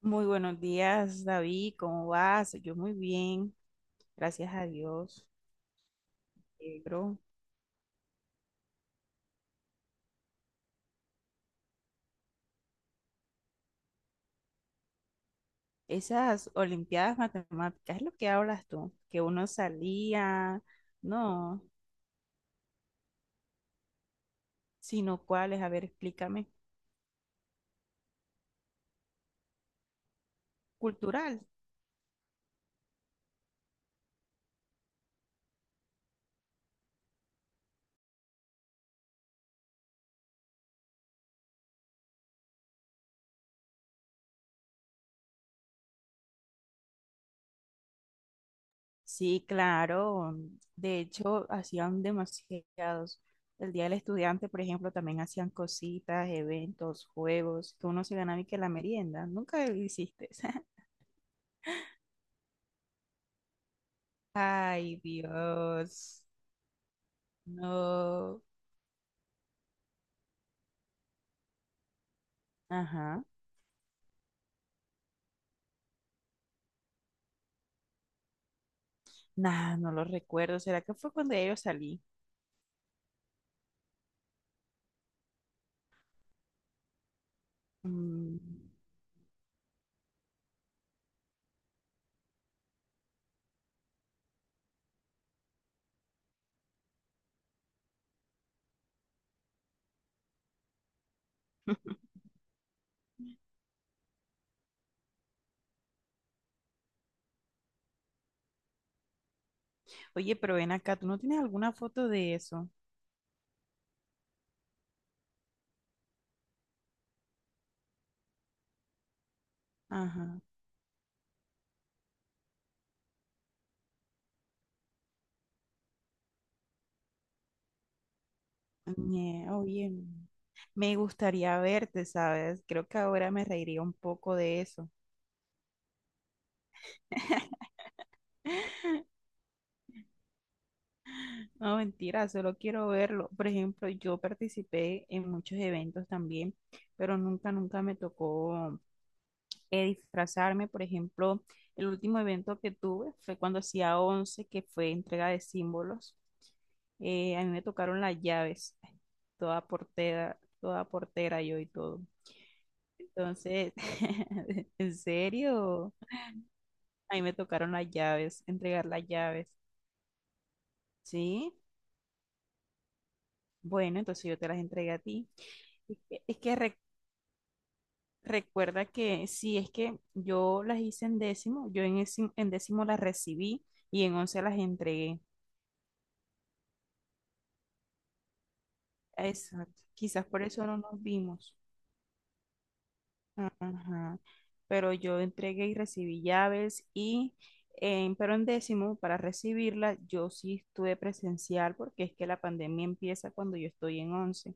Muy buenos días, David. ¿Cómo vas? Yo muy bien, gracias a Dios. Negro. Esas olimpiadas matemáticas es lo que hablas tú, que uno salía, no, sino cuáles, a ver, explícame. Cultural. Sí, claro. De hecho, hacían demasiados. El Día del Estudiante, por ejemplo, también hacían cositas, eventos, juegos, que uno se ganaba y que la merienda. Nunca lo hiciste. Ay, Dios. No. Ajá. Nah, no lo recuerdo. ¿Será que fue cuando ya yo salí? Mm. Oye, pero ven acá, ¿tú no tienes alguna foto de eso? Ajá. Ñe, oye, me gustaría verte, ¿sabes? Creo que ahora me reiría un poco de eso. No, mentira, solo quiero verlo. Por ejemplo, yo participé en muchos eventos también, pero nunca, nunca me tocó disfrazarme. Por ejemplo, el último evento que tuve fue cuando hacía 11 que fue entrega de símbolos. A mí me tocaron las llaves, toda portera yo y todo. Entonces, ¿en serio? A mí me tocaron las llaves, entregar las llaves. ¿Sí? Bueno, entonces yo te las entregué a ti. Es que recuerda que sí, es que yo las hice en décimo, en décimo las recibí y en once las entregué. Exacto. Quizás por eso no nos vimos. Ajá. Pero yo entregué y recibí llaves y pero en décimo, para recibirla, yo sí estuve presencial porque es que la pandemia empieza cuando yo estoy en once.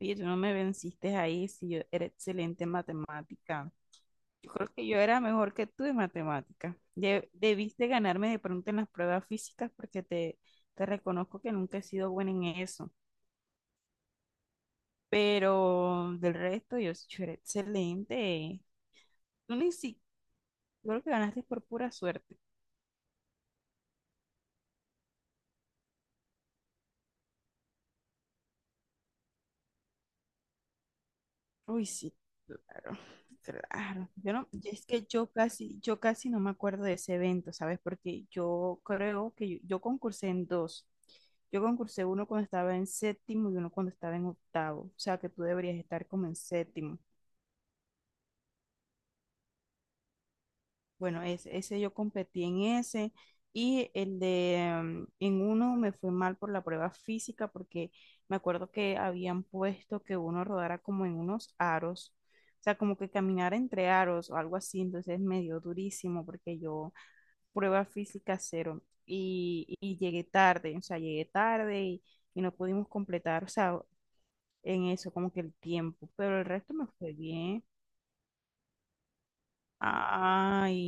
Oye, tú no me venciste ahí si yo era excelente en matemática. Yo creo que yo era mejor que tú en matemática. Debiste ganarme de pronto en las pruebas físicas porque te reconozco que nunca he sido buena en eso. Pero del resto, yo, sí, yo era excelente. Tú ni siquiera. Yo creo que ganaste por pura suerte. Uy, sí, claro, claro. Yo no, y es que yo casi no me acuerdo de ese evento, ¿sabes? Porque yo creo que yo concursé en dos. Yo concursé uno cuando estaba en séptimo y uno cuando estaba en octavo. O sea que tú deberías estar como en séptimo. Bueno, ese yo competí en ese y el de en uno me fue mal por la prueba física porque me acuerdo que habían puesto que uno rodara como en unos aros, o sea, como que caminara entre aros o algo así, entonces me dio durísimo porque yo prueba física cero y llegué tarde, o sea, llegué tarde y no pudimos completar, o sea, en eso como que el tiempo, pero el resto me fue bien. Ay,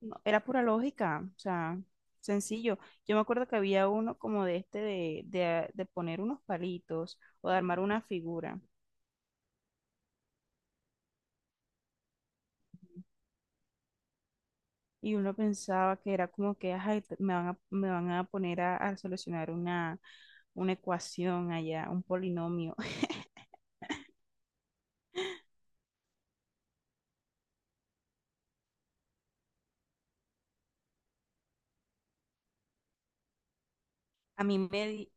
no, era pura lógica, o sea, sencillo. Yo me acuerdo que había uno como de este de poner unos palitos o de armar una figura. Y uno pensaba que era como que "Ay, me van a poner a solucionar una ecuación allá, un polinomio. A mí me, di-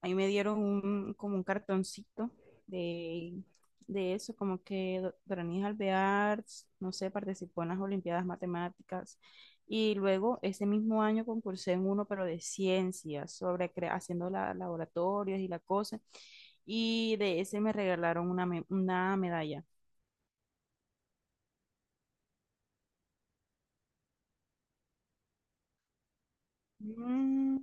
Ahí me dieron como un cartoncito de, de eso, como que Doranis Alvear, no sé, participó en las Olimpiadas Matemáticas. Y luego ese mismo año concursé en uno, pero de ciencias, sobre haciendo laboratorios y la cosa. Y de ese me regalaron una medalla. Mm,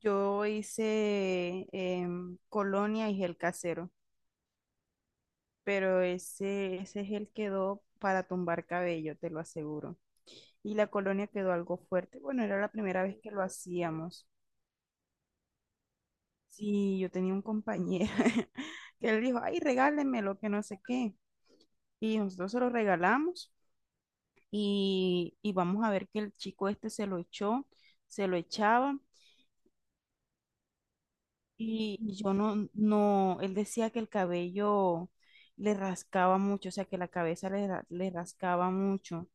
Yo hice colonia y gel casero. Pero ese gel quedó para tumbar cabello, te lo aseguro. Y la colonia quedó algo fuerte. Bueno, era la primera vez que lo hacíamos. Sí, yo tenía un compañero que él dijo, ay, regálenmelo, que no sé qué. Y nosotros se lo regalamos y vamos a ver que el chico este se lo echó, se lo echaba. Y yo no, él decía que el cabello le rascaba mucho, o sea, que la cabeza le rascaba mucho.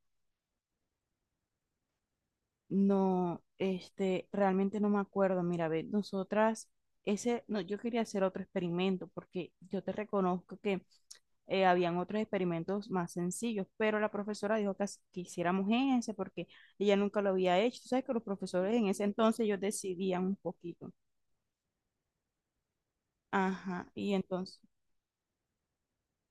No, este, realmente no me acuerdo. Mira, ve, nosotras, ese, no, yo quería hacer otro experimento porque yo te reconozco que habían otros experimentos más sencillos, pero la profesora dijo que hiciéramos ese porque ella nunca lo había hecho. Tú sabes que los profesores en ese entonces ellos decidían un poquito. Ajá, y entonces,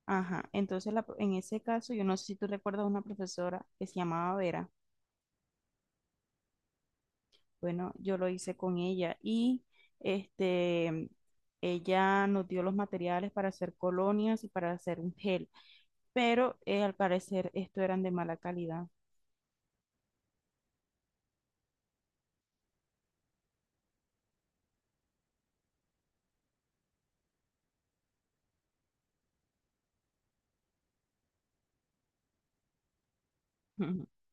ajá, entonces la en ese caso, yo no sé si tú recuerdas una profesora que se llamaba Vera. Bueno, yo lo hice con ella y este, ella nos dio los materiales para hacer colonias y para hacer un gel, pero al parecer esto eran de mala calidad.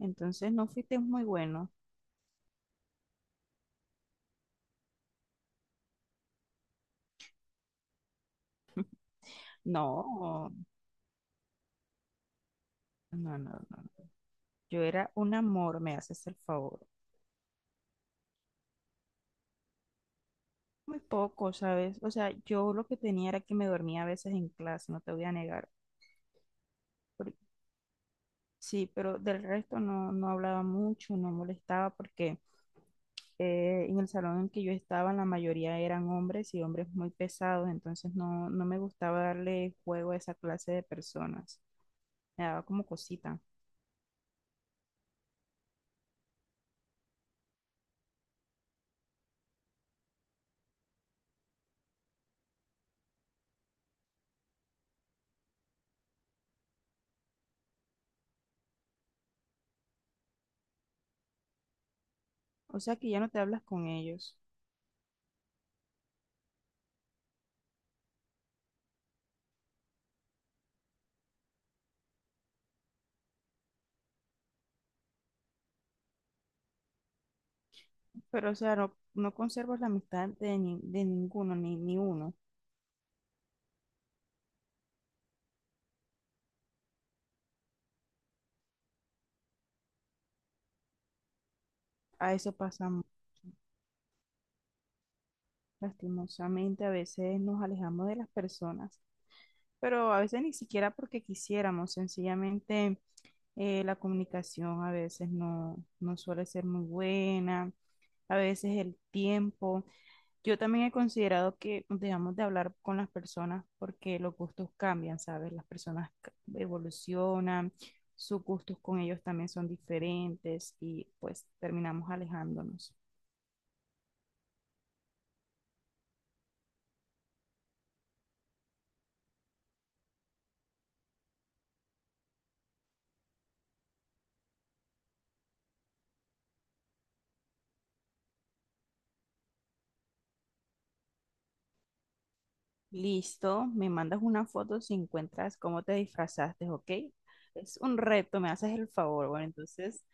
Entonces no fuiste muy bueno. No, no, no, no. No. Yo era un amor, me haces el favor. Muy poco, ¿sabes? O sea, yo lo que tenía era que me dormía a veces en clase, no te voy a negar. Por- Sí, pero del resto no hablaba mucho, no molestaba porque en el salón en que yo estaba, la mayoría eran hombres y hombres muy pesados, entonces no me gustaba darle juego a esa clase de personas. Me daba como cosita. O sea que ya no te hablas con ellos, pero o sea, no conservas la amistad de ninguno, ni uno. A eso pasamos. Lastimosamente, a veces nos alejamos de las personas, pero a veces ni siquiera porque quisiéramos, sencillamente la comunicación a veces no suele ser muy buena a veces el tiempo. Yo también he considerado que dejamos de hablar con las personas porque los gustos cambian, ¿sabes? Las personas evolucionan, sus gustos con ellos también son diferentes y pues terminamos alejándonos. Listo, me mandas una foto si encuentras cómo te disfrazaste, ¿ok? Es un reto, me haces el favor. Bueno, entonces,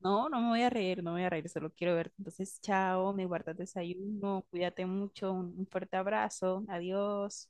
no, no me voy a reír, no me voy a reír, solo quiero verte. Entonces, chao, me guardas desayuno, cuídate mucho, un fuerte abrazo, adiós.